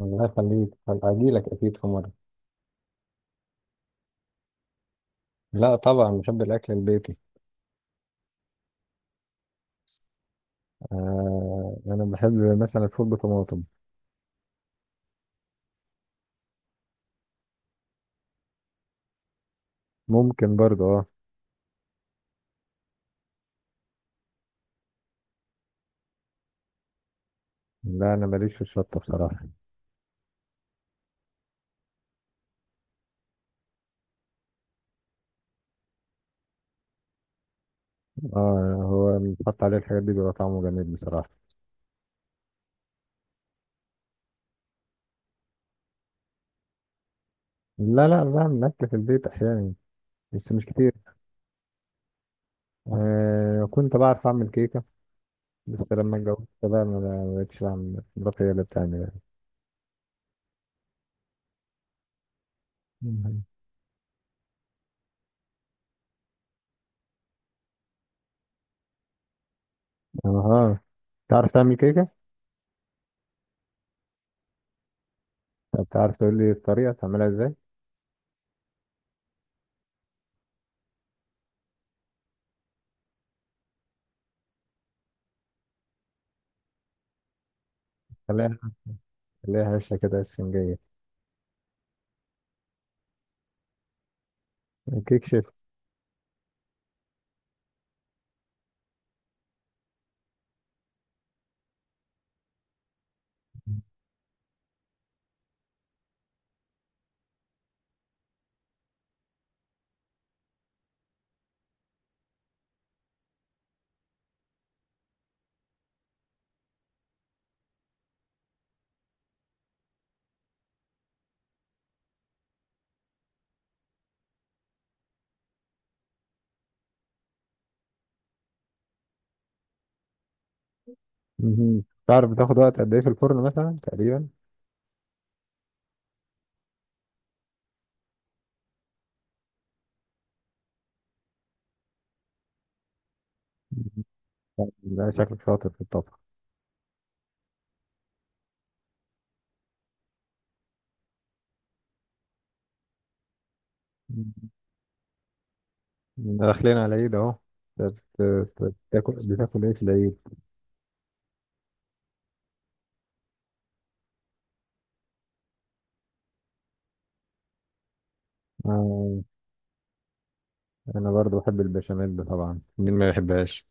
الله يخليك، هبقى أجيلك أكيد في مرة. لا، طبعا بحب الأكل البيتي. آه، أنا بحب مثلا الفول بطماطم. ممكن برضه، أه. لا، أنا ماليش في الشطة بصراحة. أه، هو بنحط عليه الحاجات دي بيبقى طعمه جميل بصراحة. لا لا، بعمل أكل في البيت أحيانا. بس مش كتير. آه، كنت بعرف أعمل كيكة. بس لما اتجوزت بقى ما بقتش بعمل، مراتي هي اللي بتعمل يعني. مهم. أها. تعرف تعمل كيكة؟ طب تعرف تقول لي الطريقة تعملها إزاي؟ خليها، خليها هشة كده، اسفنجية. كيك شيف. مهم. تعرف بتاخد وقت قد ايه في الفرن مثلا، تقريبا؟ مهم. لا، شكلك شاطر في الطبخ. مهم. داخلين على العيد اهو. بتاكل ايه في العيد؟ آه، انا برضو بحب البشاميل، طبعا مين ما يحبهاش؟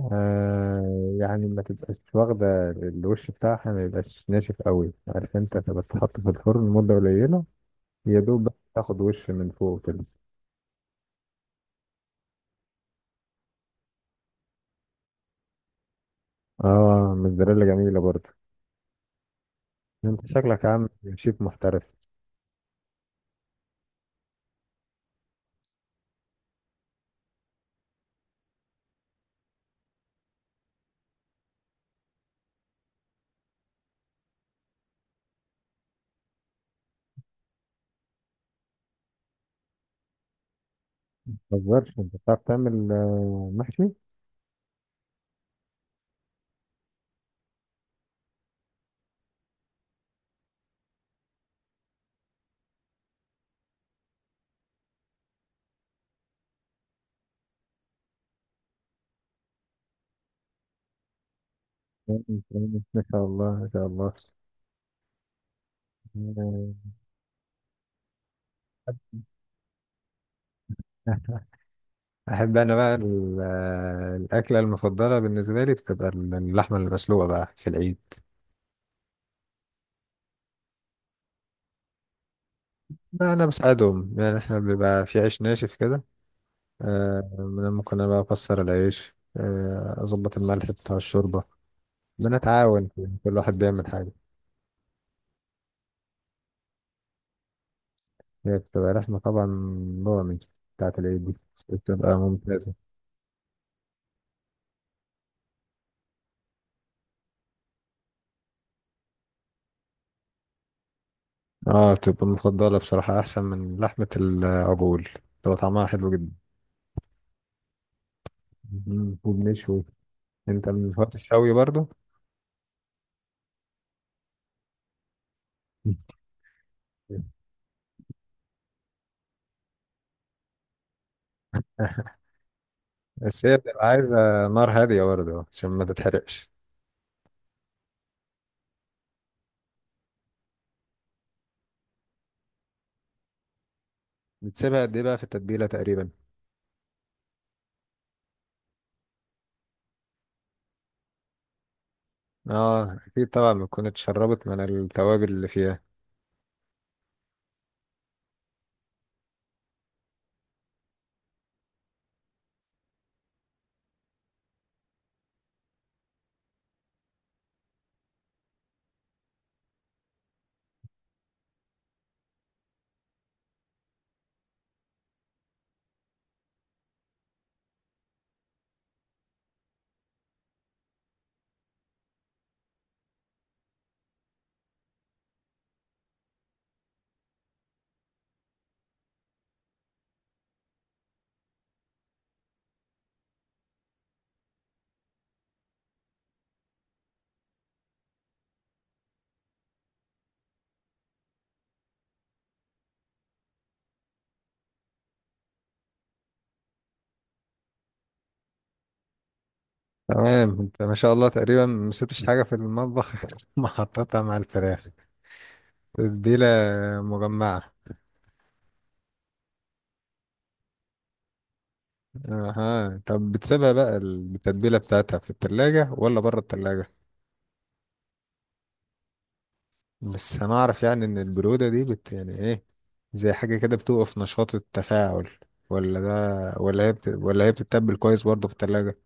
آه، يعني ما تبقاش واخدة الوش بتاعها، ما يبقاش ناشف قوي، عارف انت تبقى تحط في الفرن مدة قليلة. يا دوب بس تاخد وش من فوق كده. اه، موزاريلا جميلة برضو. انت شكلك عامل شيف محترف. متهزرش، انت بتعرف تعمل محشي؟ مم، ما شاء الله، ما شاء الله. آه، احب انا بقى الاكله المفضله بالنسبه لي، بتبقى اللحمه المسلوقه بقى في العيد. بقى انا بساعدهم، يعني احنا بيبقى في عيش ناشف كده. آه، أنا ممكن انا بقى اكسر العيش، اظبط الملح بتاع الشوربه. بنتعاون، كل واحد بيعمل حاجه. هي بتبقى لحمه طبعا، ضاني، بتاعت العيد دي بتبقى ممتازه. اه، تبقى المفضلة بصراحة، أحسن من لحمة العجول، تبقى طعمها حلو جدا. وبنشوي. أنت من هواة الشوي برضو؟ مم. بس هي بتبقى عايزة نار هادية برضو عشان ما تتحرقش. بتسيبها قد إيه بقى في التتبيلة تقريبا؟ اه أكيد طبعا، بتكون اتشربت من التوابل اللي فيها. تمام، أنت ما شاء الله تقريبا ما سبتش حاجة في المطبخ غير ما حطيتها مع الفراخ. تتبيلة مجمعة. اها، طب بتسيبها بقى التتبيلة بتاعتها في التلاجة ولا بره التلاجة؟ بس انا اعرف يعني ان البرودة دي يعني ايه، زي حاجة كده بتوقف نشاط التفاعل، ولا ده، ولا هي بتتبل كويس برضه في التلاجة؟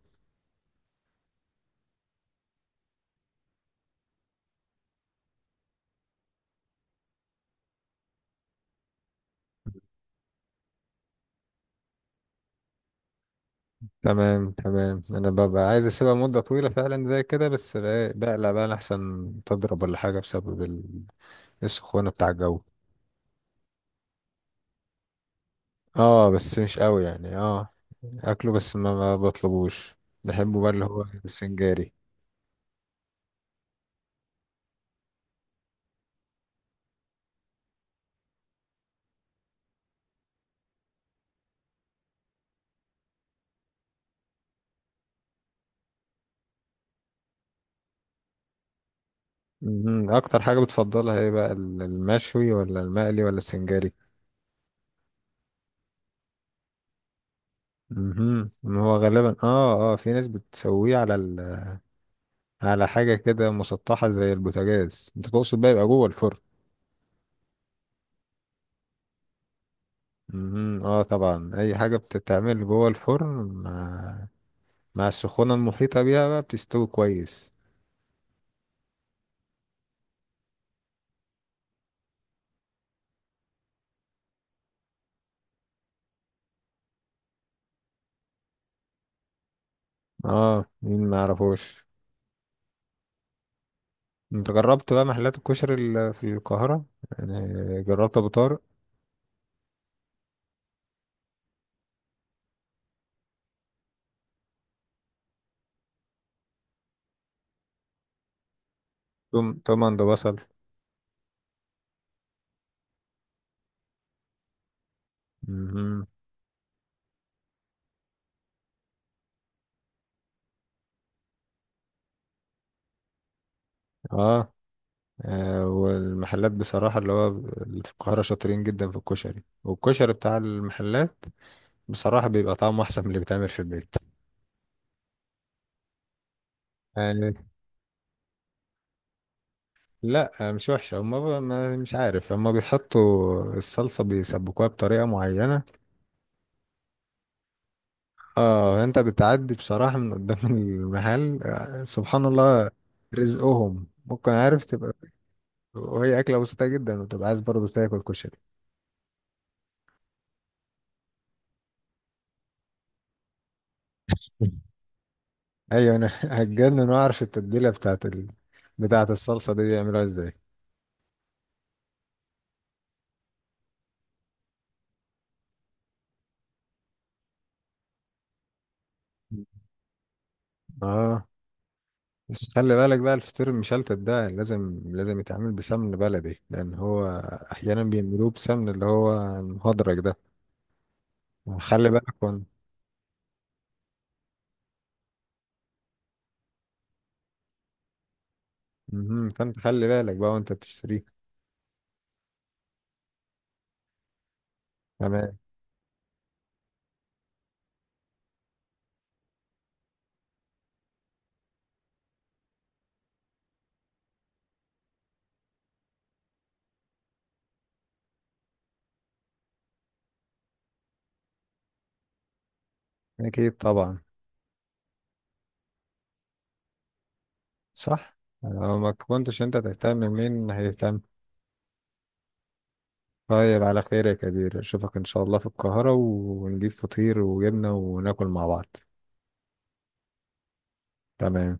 تمام تمام، انا ببقى عايز اسيبها مدة طويلة فعلا زي كده، بس بقى- إيه، بقلق بقى احسن تضرب ولا حاجة بسبب السخونة بتاع الجو. اه، بس مش قوي يعني، اه. اكله بس ما بطلبوش. بحبه بقى، اللي هو السنجاري. مهم. اكتر حاجة بتفضلها ايه بقى، المشوي ولا المقلي ولا السنجاري؟ مهم. ما هو غالبا في ناس بتسويه على على حاجة كده مسطحة زي البوتاجاز، انت تقصد بقى يبقى جوه الفرن. مهم. اه طبعا، اي حاجة بتتعمل جوه الفرن مع مع السخونة المحيطة بيها بقى بتستوي كويس. اه، مين ما يعرفوش؟ انت جربت بقى محلات الكشري في القاهرة، يعني؟ جربت ابو طارق؟ توم عند بصل؟ مهم. اه والمحلات بصراحة اللي هو اللي في القاهرة شاطرين جدا في الكشري، والكشري بتاع المحلات بصراحة بيبقى طعمه أحسن من اللي بيتعمل في البيت، يعني. لا مش وحشة، هما مش عارف، هما بيحطوا الصلصة بيسبكوها بطريقة معينة. اه، انت بتعدي بصراحة من قدام المحل، سبحان الله رزقهم، ممكن عارف تبقى، وهي أكلة بسيطة جدا وتبقى عايز برضه تاكل كشري. ايوه انا هتجنن، واعرف التتبيله بتاعت بتاعت الصلصه دي بيعملوها ازاي. اه، بس خلي بالك بقى الفطير المشلتت ده لازم لازم يتعمل بسمن بلدي، لان هو احيانا بيعملوه بسمن، اللي هو المهدرج ده، خلي بالك وان. مهم. فانت خلي بالك بقى وانت بتشتريه. تمام. اكيد طبعا. صح. لو ما كنتش انت تهتم، مين هيهتم؟ طيب، على خير يا كبير، اشوفك ان شاء الله في القاهرة ونجيب فطير وجبنة وناكل مع بعض. تمام.